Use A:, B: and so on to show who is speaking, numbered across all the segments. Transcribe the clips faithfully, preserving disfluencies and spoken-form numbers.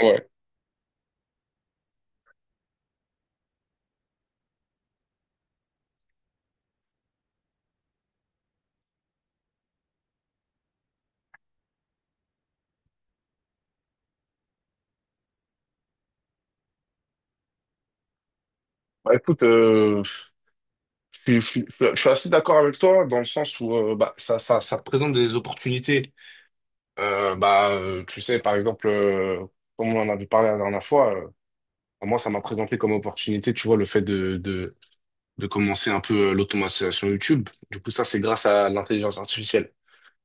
A: Ouais. Bah, écoute, euh, je, suis je suis- je suis assez d'accord avec toi dans le sens où euh, bah, ça, ça, ça présente des opportunités. Euh, bah, euh, tu sais, par exemple, euh, comme on en avait parlé la dernière fois, euh, moi, ça m'a présenté comme opportunité, tu vois, le fait de, de, de commencer un peu euh, l'automatisation YouTube. Du coup, ça, c'est grâce à l'intelligence artificielle.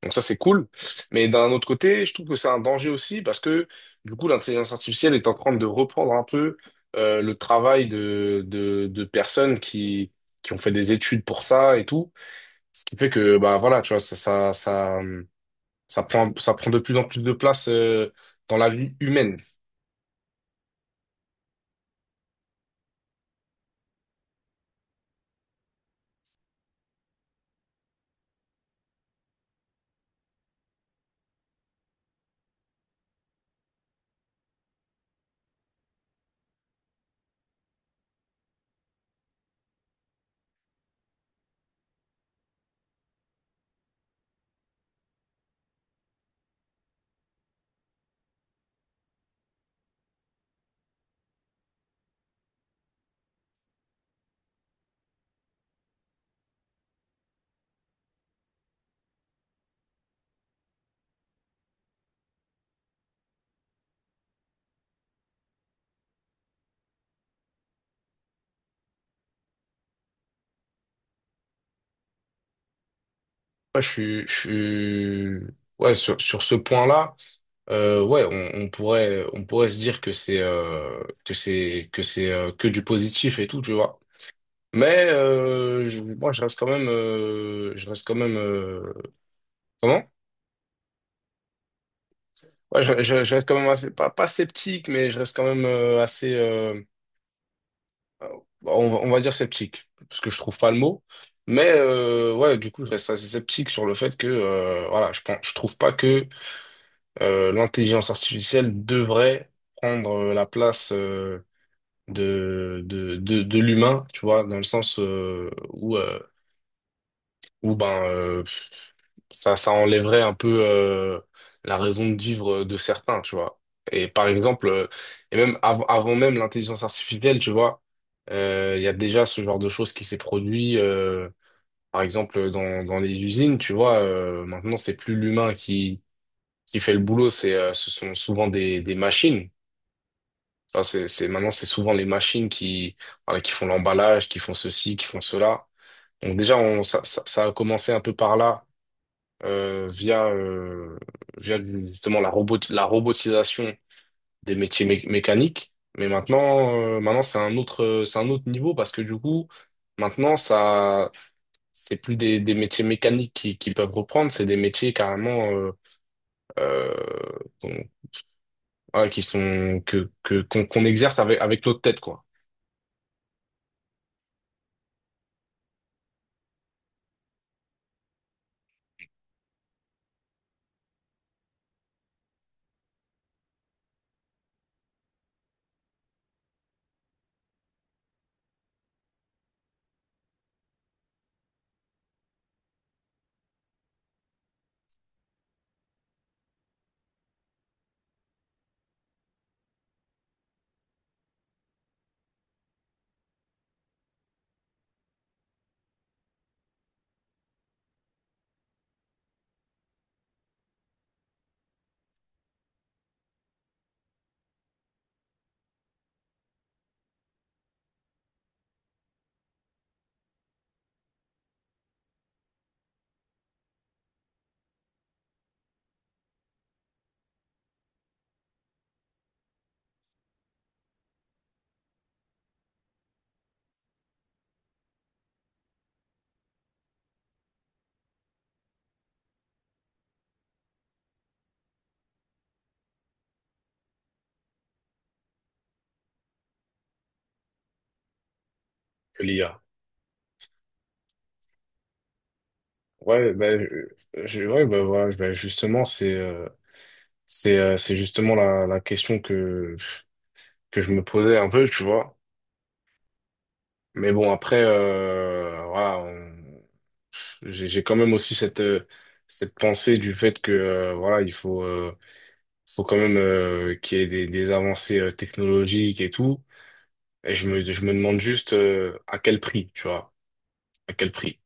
A: Donc ça, c'est cool. Mais d'un autre côté, je trouve que c'est un danger aussi parce que du coup, l'intelligence artificielle est en train de reprendre un peu euh, le travail de, de, de personnes qui, qui ont fait des études pour ça et tout. Ce qui fait que, bah voilà, tu vois, ça, ça, ça, ça prend, ça prend de plus en plus de place euh, dans la vie humaine. Ouais, je suis, je suis... Ouais, sur, sur ce point-là, euh, ouais, on, on pourrait, on pourrait se dire que c'est euh, que c'est que c'est euh, que du positif et tout, tu vois. Mais euh, je- moi, je reste quand même, euh, je reste quand même, euh, comment? Ouais, je, je- je reste quand même assez, pas, pas sceptique, mais je reste quand même euh, assez, euh, euh, on va, on va dire sceptique, parce que je trouve pas le mot. Mais euh, ouais, du coup, je reste assez sceptique sur le fait que, euh, voilà, je pense, je trouve pas que euh, l'intelligence artificielle devrait prendre euh, la place euh, de, de, de, de l'humain, tu vois, dans le sens euh, où euh, ou ben euh, ça, ça enlèverait un peu euh, la raison de vivre de certains, tu vois. Et par exemple, euh, et même av- avant même l'intelligence artificielle, tu vois, euh, il y a déjà ce genre de choses qui s'est produit, euh, par exemple dans, dans les usines, tu vois, euh, maintenant c'est plus l'humain qui, qui fait le boulot, c'est, euh, ce sont souvent des, des machines. Enfin, c'est, c'est, maintenant c'est souvent les machines qui, voilà, qui font l'emballage, qui font ceci, qui font cela. Donc déjà, on, ça, ça, ça a commencé un peu par là euh, via, euh, via justement la robot, la robotisation des métiers mé- mécaniques. Mais maintenant, euh, maintenant c'est un autre, euh, c'est un autre niveau parce que du coup, maintenant, ça, c'est plus des, des métiers mécaniques qui, qui peuvent reprendre, c'est des métiers carrément euh, euh, qu'on- voilà, qui sont que, que, qu'on, qu'on exerce avec, avec notre tête, quoi, que l'I A. Ouais, ben, je, je- ouais, ben, voilà, je- ben, justement, c'est euh, c'est euh, c'est justement la, la question que que je me posais un peu, tu vois. Mais bon, après, euh, voilà, on- j'ai j'ai quand même aussi cette, euh, cette pensée du fait que, euh, voilà, il faut, euh, faut quand même euh, qu'il y ait des, des avancées euh, technologiques et tout. Et je me, je me demande juste euh, à quel prix, tu vois, à quel prix.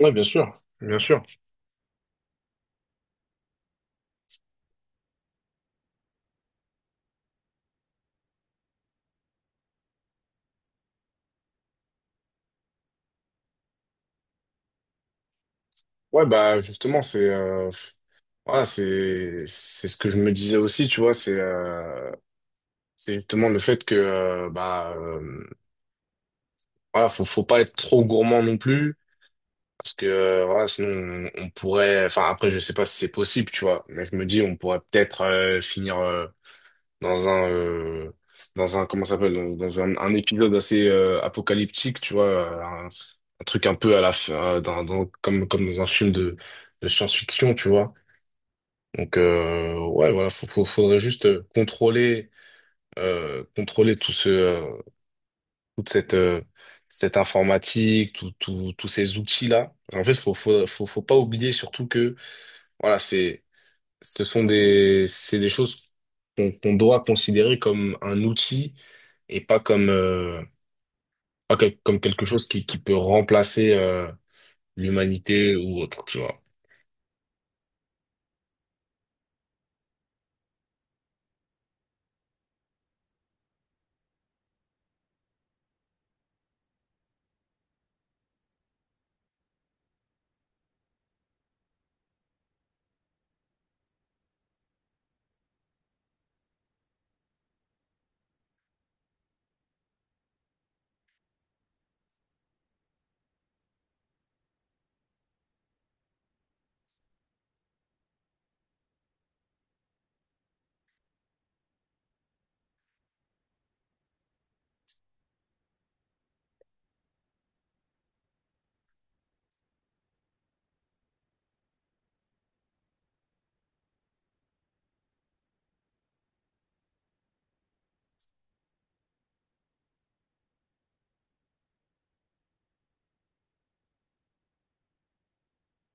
A: Ouais, bien sûr, bien sûr. Ouais, bah justement, c'est euh, voilà, c'est c'est ce que je me disais aussi, tu vois, c'est euh, c'est justement le fait que euh, bah euh, voilà, faut faut pas être trop gourmand non plus. Parce que euh, voilà, sinon on, on pourrait. Enfin après, je sais pas si c'est possible, tu vois. Mais je me dis, on pourrait peut-être euh, finir euh, dans un euh, dans un comment ça s'appelle dans, dans un, un épisode assez euh, apocalyptique, tu vois, euh, un, un truc un peu à la fin, euh, dans, dans- comme comme dans un film de de science-fiction, tu vois. Donc euh, ouais, voilà, faut, faut- faudrait juste euh, contrôler euh, contrôler tout ce euh, toute cette euh, cette informatique, tout, tout, tous ces outils-là. En fait, faut, faut, faut, faut pas oublier surtout que voilà, c'est, ce sont des, c'est des choses qu'on qu'on doit considérer comme un outil et pas comme, euh, pas quel- comme quelque chose qui, qui peut remplacer, euh, l'humanité ou autre, tu vois.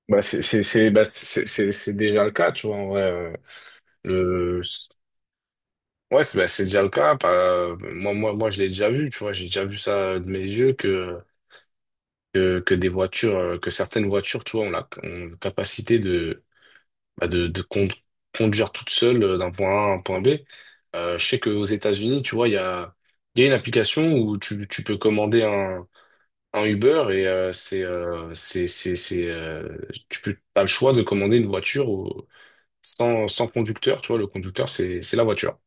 A: Bah, c'est, c'est, c'est, bah, c'est, c'est c'est déjà le cas, tu vois, en vrai. euh, le, ouais, c'est, bah, c'est déjà le cas. Bah, euh, moi, moi, moi, je l'ai déjà vu, tu vois, j'ai déjà vu ça de mes yeux que, que, que des voitures, euh, que certaines voitures, tu vois, ont la, ont la capacité de bah, de, de con- conduire toute seule euh, d'un point A à un point B. Euh, je sais qu'aux États-Unis, tu vois, il y a, il y a une application où tu, tu peux commander un, un Uber et euh, c'est, euh, c'est, c'est, c'est, euh, tu peux, t'as le choix de commander une voiture au- sans, sans conducteur. Tu vois, le conducteur, c'est, c'est la voiture.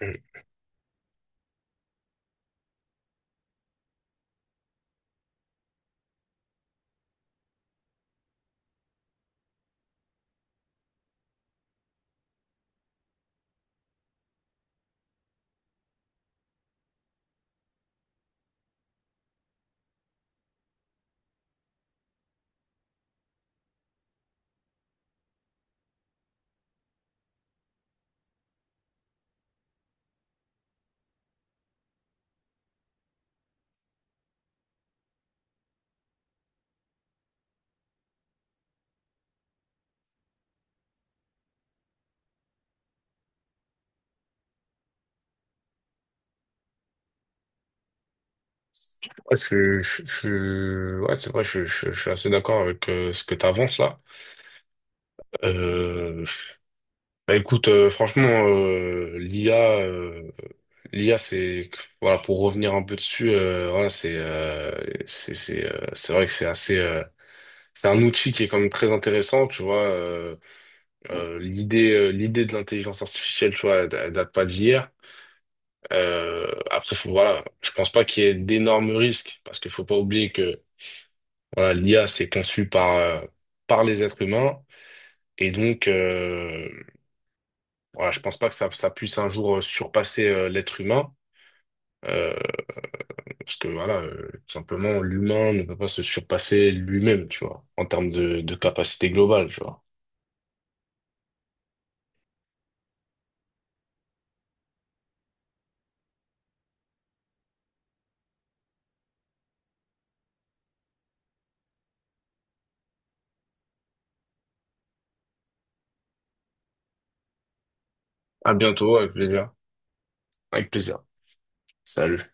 A: Mm. Ouais, je, je, je- ouais, c'est vrai, je, je- je suis assez d'accord avec euh, ce que tu avances là. Bah écoute, euh, franchement, euh, l'I A, euh, l'I A, c'est voilà pour revenir un peu dessus, euh, voilà, c'est euh, c'est c'est euh, c'est vrai que c'est assez, euh, c'est un outil qui est quand même très intéressant, tu vois. Euh, euh, l'idée euh, l'idée de l'intelligence artificielle, tu vois, elle, elle date pas d'hier. Euh, après, faut, voilà, je pense pas qu'il y ait d'énormes risques parce qu'il faut pas oublier que voilà, l'I A c'est conçu par euh, par les êtres humains et donc Euh, voilà, je pense pas que ça, ça puisse un jour euh, surpasser euh, l'être humain, euh, parce que voilà, euh, tout simplement, l'humain ne peut pas se surpasser lui-même, tu vois, en termes de, de capacité globale, tu vois. À bientôt, avec plaisir. Avec plaisir. Salut.